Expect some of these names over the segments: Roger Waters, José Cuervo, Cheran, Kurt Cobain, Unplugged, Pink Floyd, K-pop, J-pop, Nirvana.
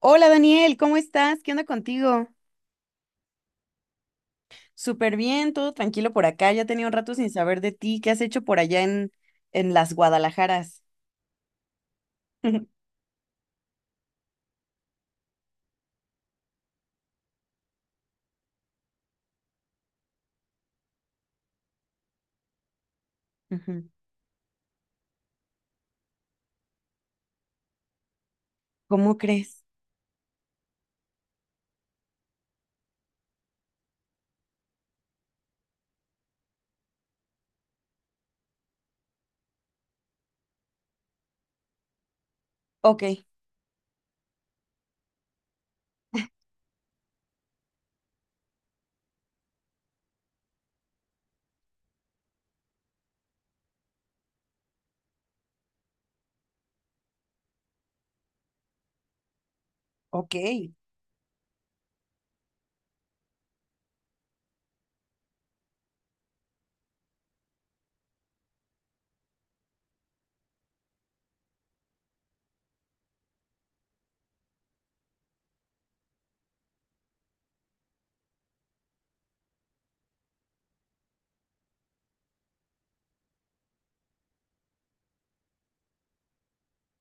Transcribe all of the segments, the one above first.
Hola Daniel, ¿cómo estás? ¿Qué onda contigo? Súper bien, todo tranquilo por acá. Ya tenía un rato sin saber de ti. ¿Qué has hecho por allá en las Guadalajaras? Ujú. ¿Cómo crees? Ok, ok.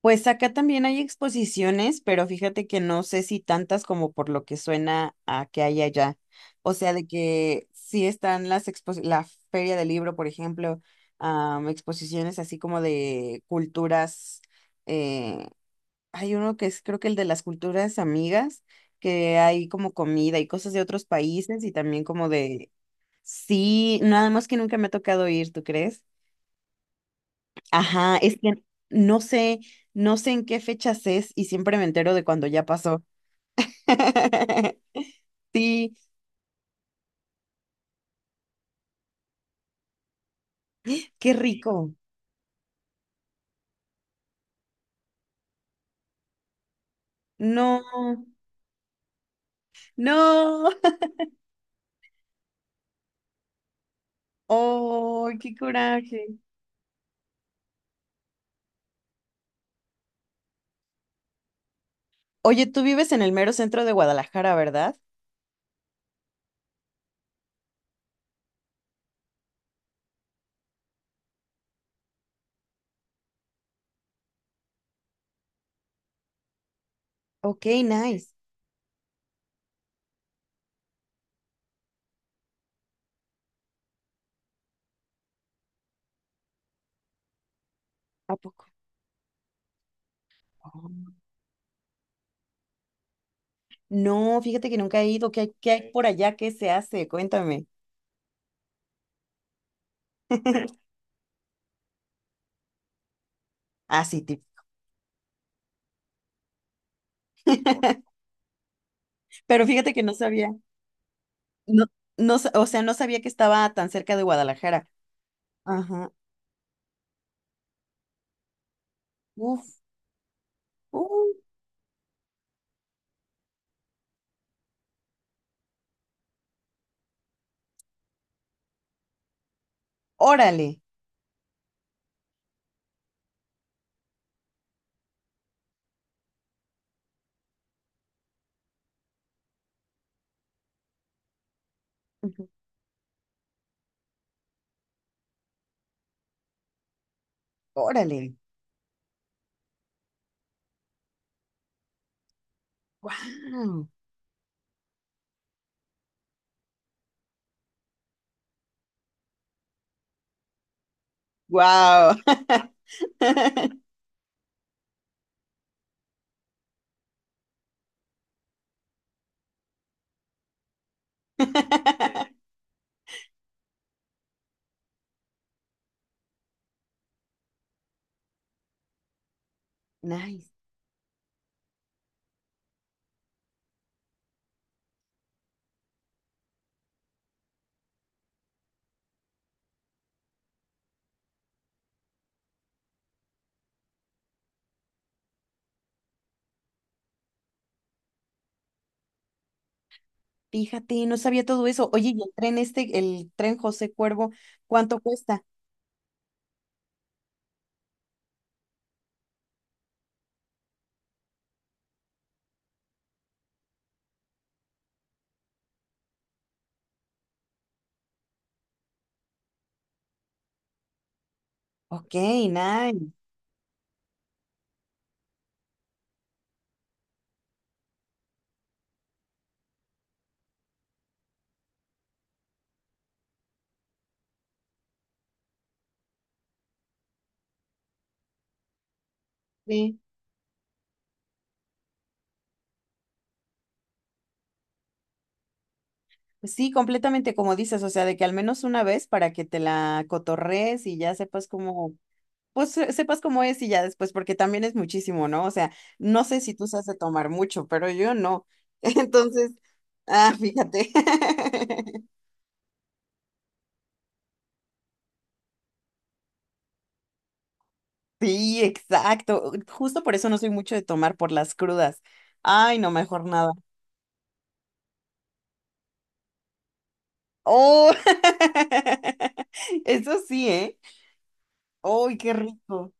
Pues acá también hay exposiciones, pero fíjate que no sé si tantas como por lo que suena a que hay allá. O sea, de que sí están las expos, la Feria del Libro, por ejemplo, am, exposiciones así como de culturas. eh, Hay uno que es creo que el de las culturas amigas, que hay como comida y cosas de otros países y también como de... Sí, nada más que nunca me ha tocado ir, ¿tú crees? Ajá, es que no sé, no sé en qué fechas es y siempre me entero de cuando ya pasó. Sí, qué rico. No, no. Oh, qué coraje. Oye, tú vives en el mero centro de Guadalajara, ¿verdad? Ok, nice. ¿A poco? Oh. No, fíjate que nunca he ido. Qué hay por allá? ¿Qué se hace? Cuéntame. Ah, sí, tip. Pero fíjate que no sabía. No, no, sa- o sea, no sabía que estaba tan cerca de Guadalajara. Ajá. Uf, uh, órale. Ujú. Órale. Wow. Wow. Nice. Fíjate, no sabía todo eso. Oye, ¿y el tren este, el tren José Cuervo, cuánto cuesta? Ok, nice. Sí, completamente como dices, o sea, de que al menos una vez para que te la cotorrees y ya sepas cómo, pues se- sepas cómo es y ya después, porque también es muchísimo, ¿no? O sea, no sé si tú sabes de tomar mucho, pero yo no. Entonces, ah, fíjate. Sí, exacto. Justo por eso no soy mucho de tomar por las crudas. Ay, no, mejor nada. Oh, eso sí, ¿eh? ¡Ay, qué rico!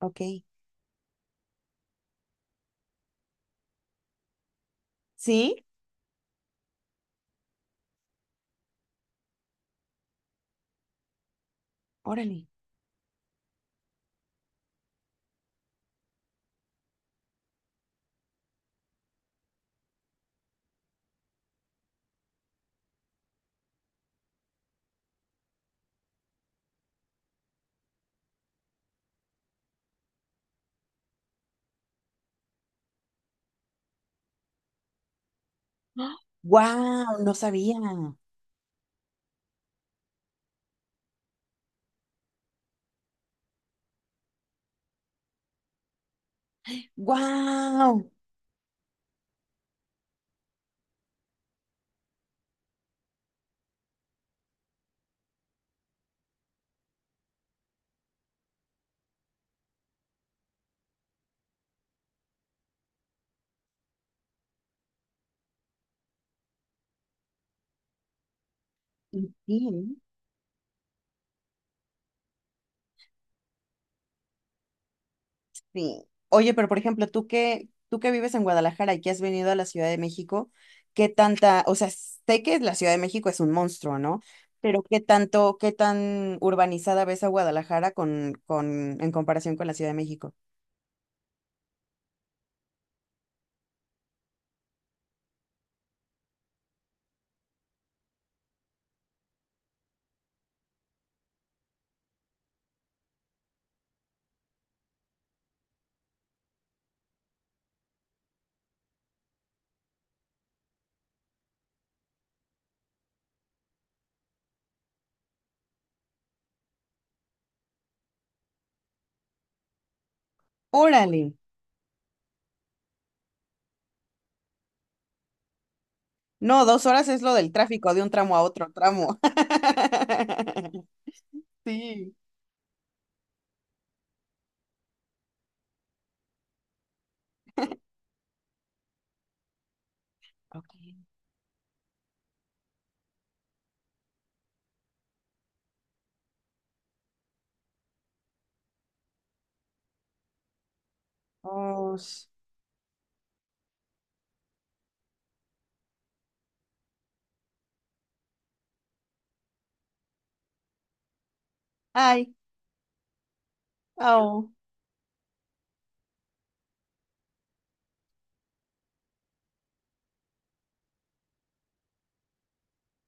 Ok. ¿Sí? Órale. ¡Wow! No sabía. Wow. Ujú. Sí. Sí. Oye, pero por ejemplo, tú que vives en Guadalajara y que has venido a la Ciudad de México, ¿qué tanta, o sea, sé que la Ciudad de México es un monstruo, ¿no? Pero ¿qué tanto, qué tan urbanizada ves a Guadalajara con, en comparación con la Ciudad de México? Órale. No, dos horas es lo del tráfico de un tramo a otro tramo. Sí. Ok. Oh, sh- ay, oh.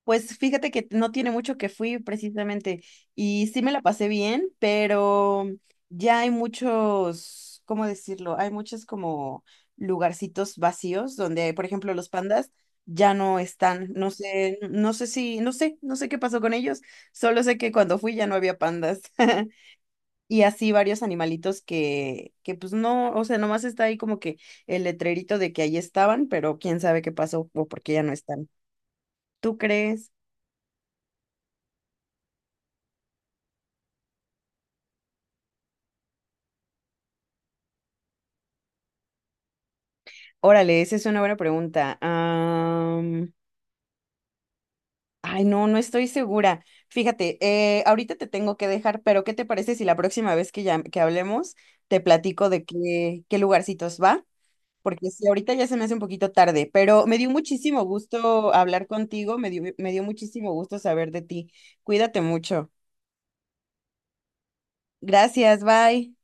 Pues fíjate que no tiene mucho que fui precisamente y sí me la pasé bien, pero ya hay muchos, ¿cómo decirlo? Hay muchos como lugarcitos vacíos donde, por ejemplo, los pandas ya no están. No sé, no sé si, no sé, no sé qué pasó con ellos. Solo sé que cuando fui ya no había pandas. Y así varios animalitos que pues no, o sea, nomás está ahí como que el letrerito de que ahí estaban, pero quién sabe qué pasó o por qué ya no están. ¿Tú crees? Órale, esa es una buena pregunta. Am, ay, no, no estoy segura. Fíjate, ahorita te tengo que dejar, pero ¿qué te parece si la próxima vez que, ya, que hablemos te platico de qué, qué lugarcitos va? Porque sí, ahorita ya se me hace un poquito tarde, pero me dio muchísimo gusto hablar contigo, me dio muchísimo gusto saber de ti. Cuídate mucho. Gracias, bye.